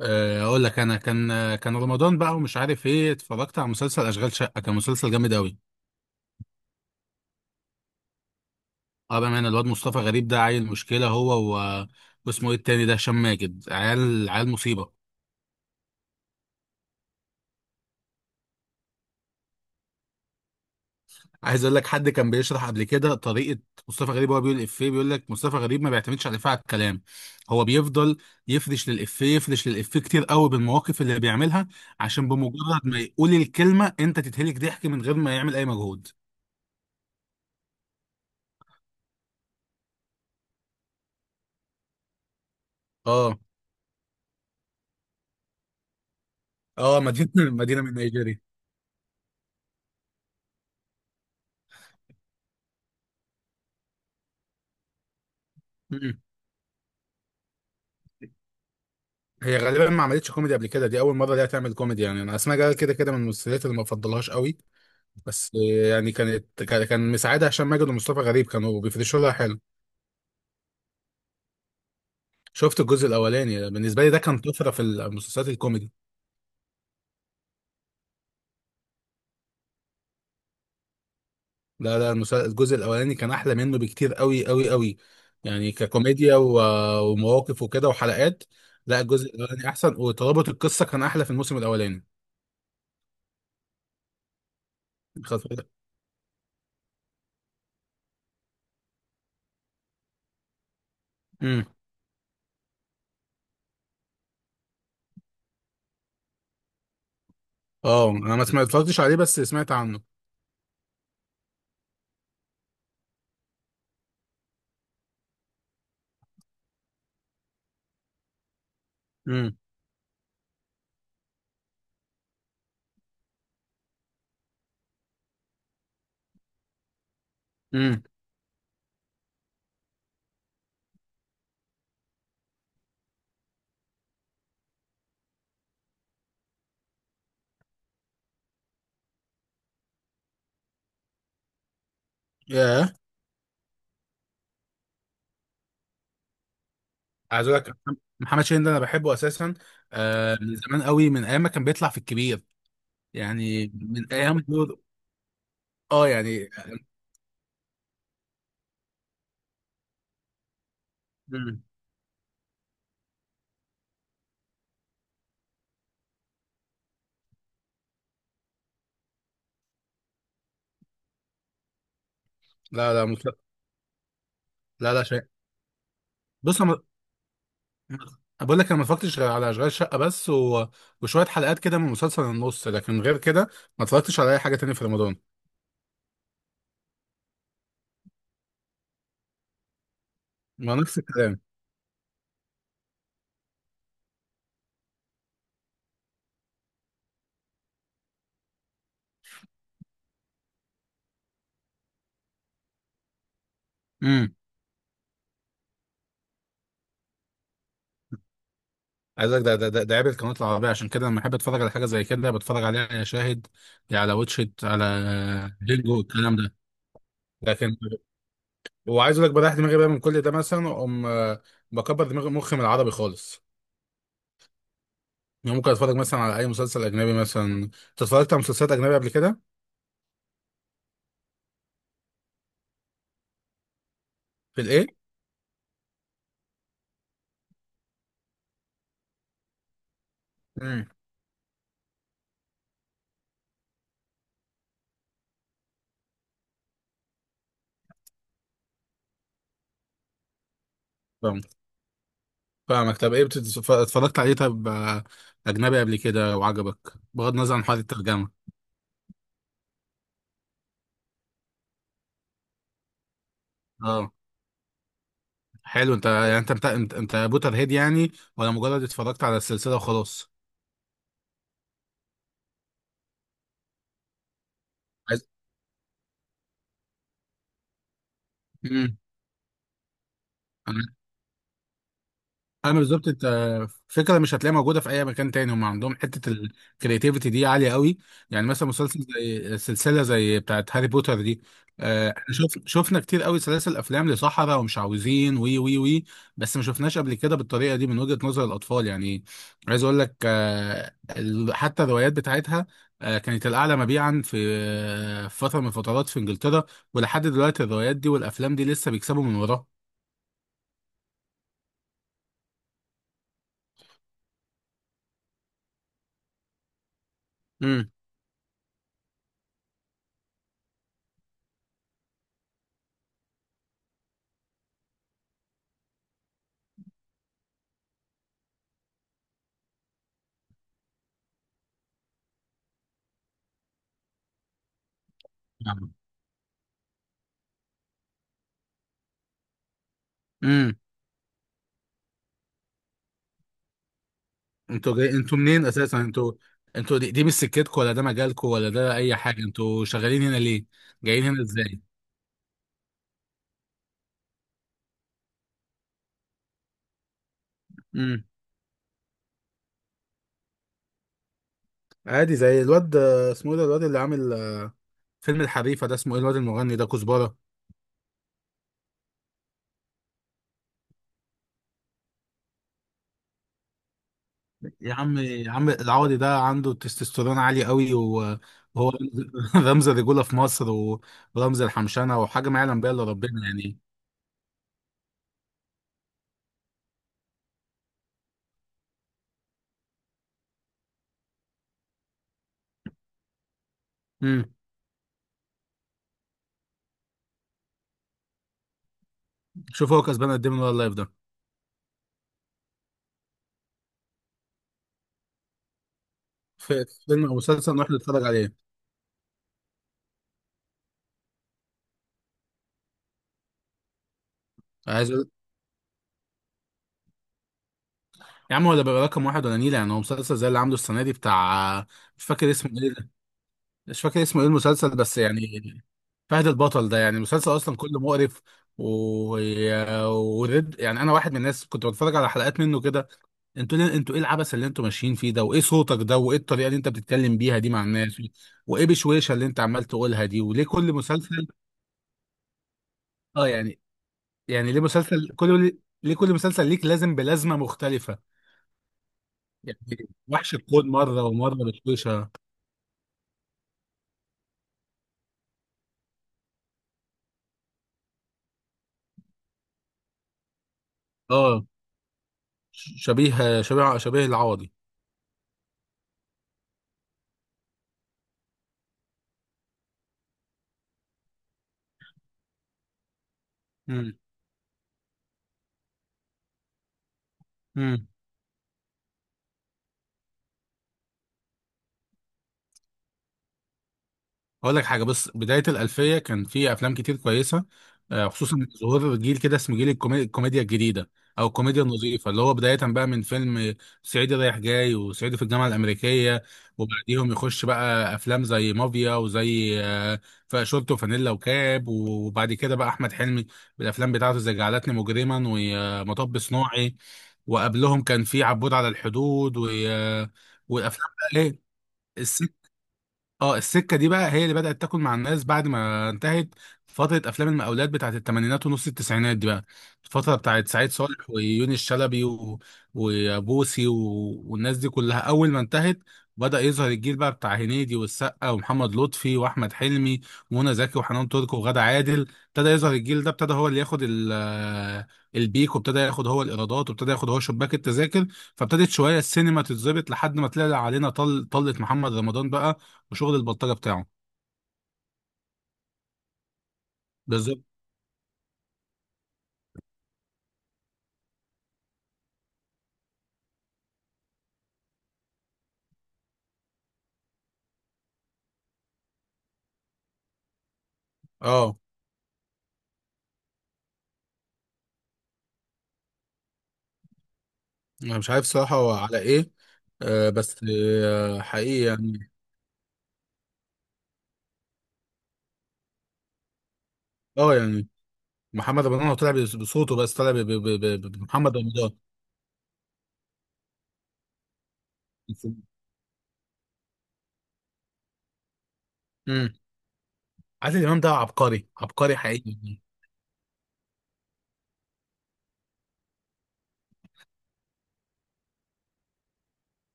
آه، اقول لك انا كان رمضان بقى ومش عارف ايه، اتفرجت على مسلسل اشغال شقه. كان مسلسل جامد قوي. اه، بامانه الواد مصطفى غريب ده عيل مشكله، هو واسمه ايه التاني ده، هشام ماجد. عيال عيال مصيبه. عايز اقول لك، حد كان بيشرح قبل كده طريقه مصطفى غريب وهو بيقول الافيه. بيقول لك مصطفى غريب ما بيعتمدش على الافيه، على الكلام. هو بيفضل يفرش للافيه، يفرش للافيه كتير قوي بالمواقف اللي بيعملها. عشان بمجرد ما يقول الكلمه انت تتهلك ضحك من غير ما يعمل اي مجهود. اه، اه، مدينه مدينه من نيجيريا. هي غالبا ما عملتش كوميدي قبل كده، دي اول مره ليها تعمل كوميدي، يعني انا اسمها جلال كده كده من المسلسلات اللي ما بفضلهاش قوي. بس يعني كان مساعدها هشام ماجد ومصطفى غريب كانوا بيفرشوا لها حلو. شفت الجزء الاولاني، بالنسبه لي ده كان طفره في المسلسلات الكوميدي. لا لا، الجزء الاولاني كان احلى منه بكتير قوي قوي قوي. يعني ككوميديا ومواقف وكده وحلقات. لا، الجزء الاولاني احسن، وترابط القصه كان احلى في الموسم الاولاني. خد بالك. امم. اه، انا ما سمعت- اتفرجتش عليه، بس سمعت عنه. امم. امم. ياه. عايز اقول لك، محمد شاهين ده انا بحبه اساسا. آه، من زمان قوي، من ايام ما كان بيطلع في الكبير. يعني من ايام دور. اه، يعني. مم. لا لا مطلق. لا لا شيء. بص انا، أنا بقول لك ما اتفرجتش غير على اشغال شقه بس وشويه حلقات كده من مسلسل النص، لكن غير كده ما اتفرجتش على اي حاجه تانية في رمضان. ما نفس الكلام. امم. عايز اقول لك، ده عيب القنوات العربيه. عشان كده لما احب اتفرج على حاجه زي كده بتفرج عليها يا شاهد، يا على واتشت على هيلو الكلام ده. لكن، وعايز اقول لك بريح دماغي بقى من كل ده، مثلا اقوم بكبر دماغي مخي من العربي خالص. يعني ممكن اتفرج مثلا على اي مسلسل اجنبي. مثلا انت اتفرجت على مسلسلات اجنبي قبل كده؟ في الايه؟ امم. فاهم. فاهمك. طب ايه اتفرجت عليه؟ طب اجنبي قبل كده وعجبك، بغض النظر عن حوار الترجمه؟ اه، حلو، انت يعني انت بوتر هيد يعني؟ ولا مجرد اتفرجت على السلسله وخلاص؟ عايز مم. انا بالظبط انت. فكره مش هتلاقيها موجوده في اي مكان تاني. هم عندهم حته الكرياتيفيتي دي عاليه قوي. يعني مثلا مسلسل زي سلسله زي بتاعه هاري بوتر دي، احنا شفنا كتير قوي سلاسل افلام لصحراء ومش عاوزين وي وي وي. بس ما شفناش قبل كده بالطريقه دي، من وجهه نظر الاطفال يعني. عايز اقول لك، حتى الروايات بتاعتها كانت الاعلى مبيعا في فتره من الفترات في انجلترا. ولحد دلوقتي الروايات دي والافلام دي لسه بيكسبوا من وراها. امم. امم. انتوا جاي، انتوا منين اساسا؟ انتوا، انتوا دي مش سكتكم ولا ده مجالكم ولا ده اي حاجه. انتوا شغالين هنا ليه؟ جايين هنا ازاي؟ امم. عادي، زي الواد اسمه ايه ده، الواد اللي عامل فيلم الحريفه ده، اسمه ايه الواد المغني ده، كزبره. يا عم، يا عم العوضي ده عنده تستوستيرون عالي قوي وهو رمز الرجوله في مصر ورمز الحمشنه، وحاجه ما يعلم بها الا ربنا يعني. امم. شوف هو كسبان قد ايه من ورا اللايف ده. في فيلم او مسلسل نروح نتفرج عليه. عايز يا عم هو ده بيبقى رقم واحد ولا نيلة؟ يعني هو مسلسل زي اللي عامله السنة دي بتاع، مش فاكر اسمه ايه ده، مش فاكر اسمه ايه المسلسل بس، يعني فهد البطل ده يعني مسلسل اصلا كله مقرف و... ورد. يعني انا واحد من الناس كنت بتفرج على حلقات منه كده. انتوا ايه العبث اللي انتوا ماشيين فيه ده؟ وايه صوتك ده، وايه الطريقة اللي انت بتتكلم بيها دي مع الناس، وايه بشويشة اللي انت عمال تقولها دي، وليه كل مسلسل؟ اه، يعني، يعني ليه مسلسل كل ليه كل مسلسل ليك لازم بلازمة مختلفة؟ يعني وحش الكون مرة ومرة بشويشة. اه، شبيه العوضي. مم. مم. هقول لك حاجه. بص، بدايه الالفيه كان في افلام كتير كويسه، خصوصا ظهور جيل كده اسمه جيل الكوميديا الجديده، او الكوميديا النظيفه. اللي هو بدايه بقى من فيلم صعيدي رايح جاي، وصعيدي في الجامعه الامريكيه. وبعديهم يخش بقى افلام زي مافيا، وزي شورت وفانيلا وكاب. وبعد كده بقى احمد حلمي بالافلام بتاعته زي جعلتني مجرما ومطب صناعي. وقبلهم كان في عبود على الحدود والافلام بقى، ايه، اه، السكه دي بقى هي اللي بدات تاكل مع الناس بعد ما انتهت فتره افلام المقاولات بتاعت الثمانينات ونص التسعينات دي بقى. الفتره بتاعت سعيد صالح ويونس شلبي وبوسي والناس دي كلها، اول ما انتهت بدا يظهر الجيل بقى بتاع هنيدي والسقا ومحمد لطفي واحمد حلمي ومنى زكي وحنان ترك وغادة عادل. ابتدى يظهر الجيل ده، ابتدى هو اللي ياخد البيك، وابتدى ياخد هو الايرادات، وابتدى ياخد هو شباك التذاكر. فابتدت شويه السينما تتظبط لحد ما طلع علينا طلت محمد رمضان بقى وشغل البلطجة بتاعه. بالظبط. اه، انا مش عارف صراحة هو على ايه، آه، بس آه حقيقي يعني. اه يعني، محمد رمضان هو طلع بصوته، بس طلع بمحمد رمضان. امم. عادل امام ده عبقري، عبقري حقيقي يعني.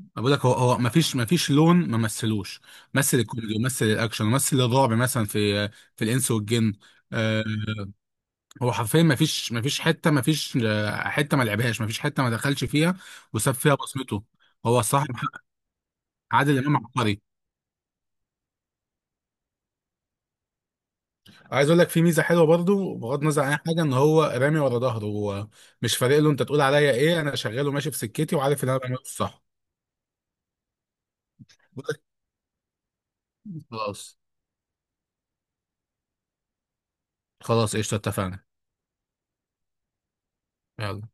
أنا بقول لك، هو ما فيش لون ما مثلوش. مثل الكوميدي ومثل الاكشن ومثل الرعب مثلا، في الانس والجن. آه، هو حرفيا ما فيش حته، ما فيش حته ما لعبهاش، ما فيش حته ما دخلش فيها، وساب فيها بصمته. هو الصراحه عادل امام عبقري. عايز اقول لك، في ميزه حلوه برضو بغض النظر عن اي حاجه، ان هو رامي ورا ظهره. هو مش فارق له انت تقول عليا ايه، انا شغال وماشي في سكتي، وعارف ان انا بعمله الصح. بقول لك، خلاص، خلاص قشطه اتفقنا. يلا.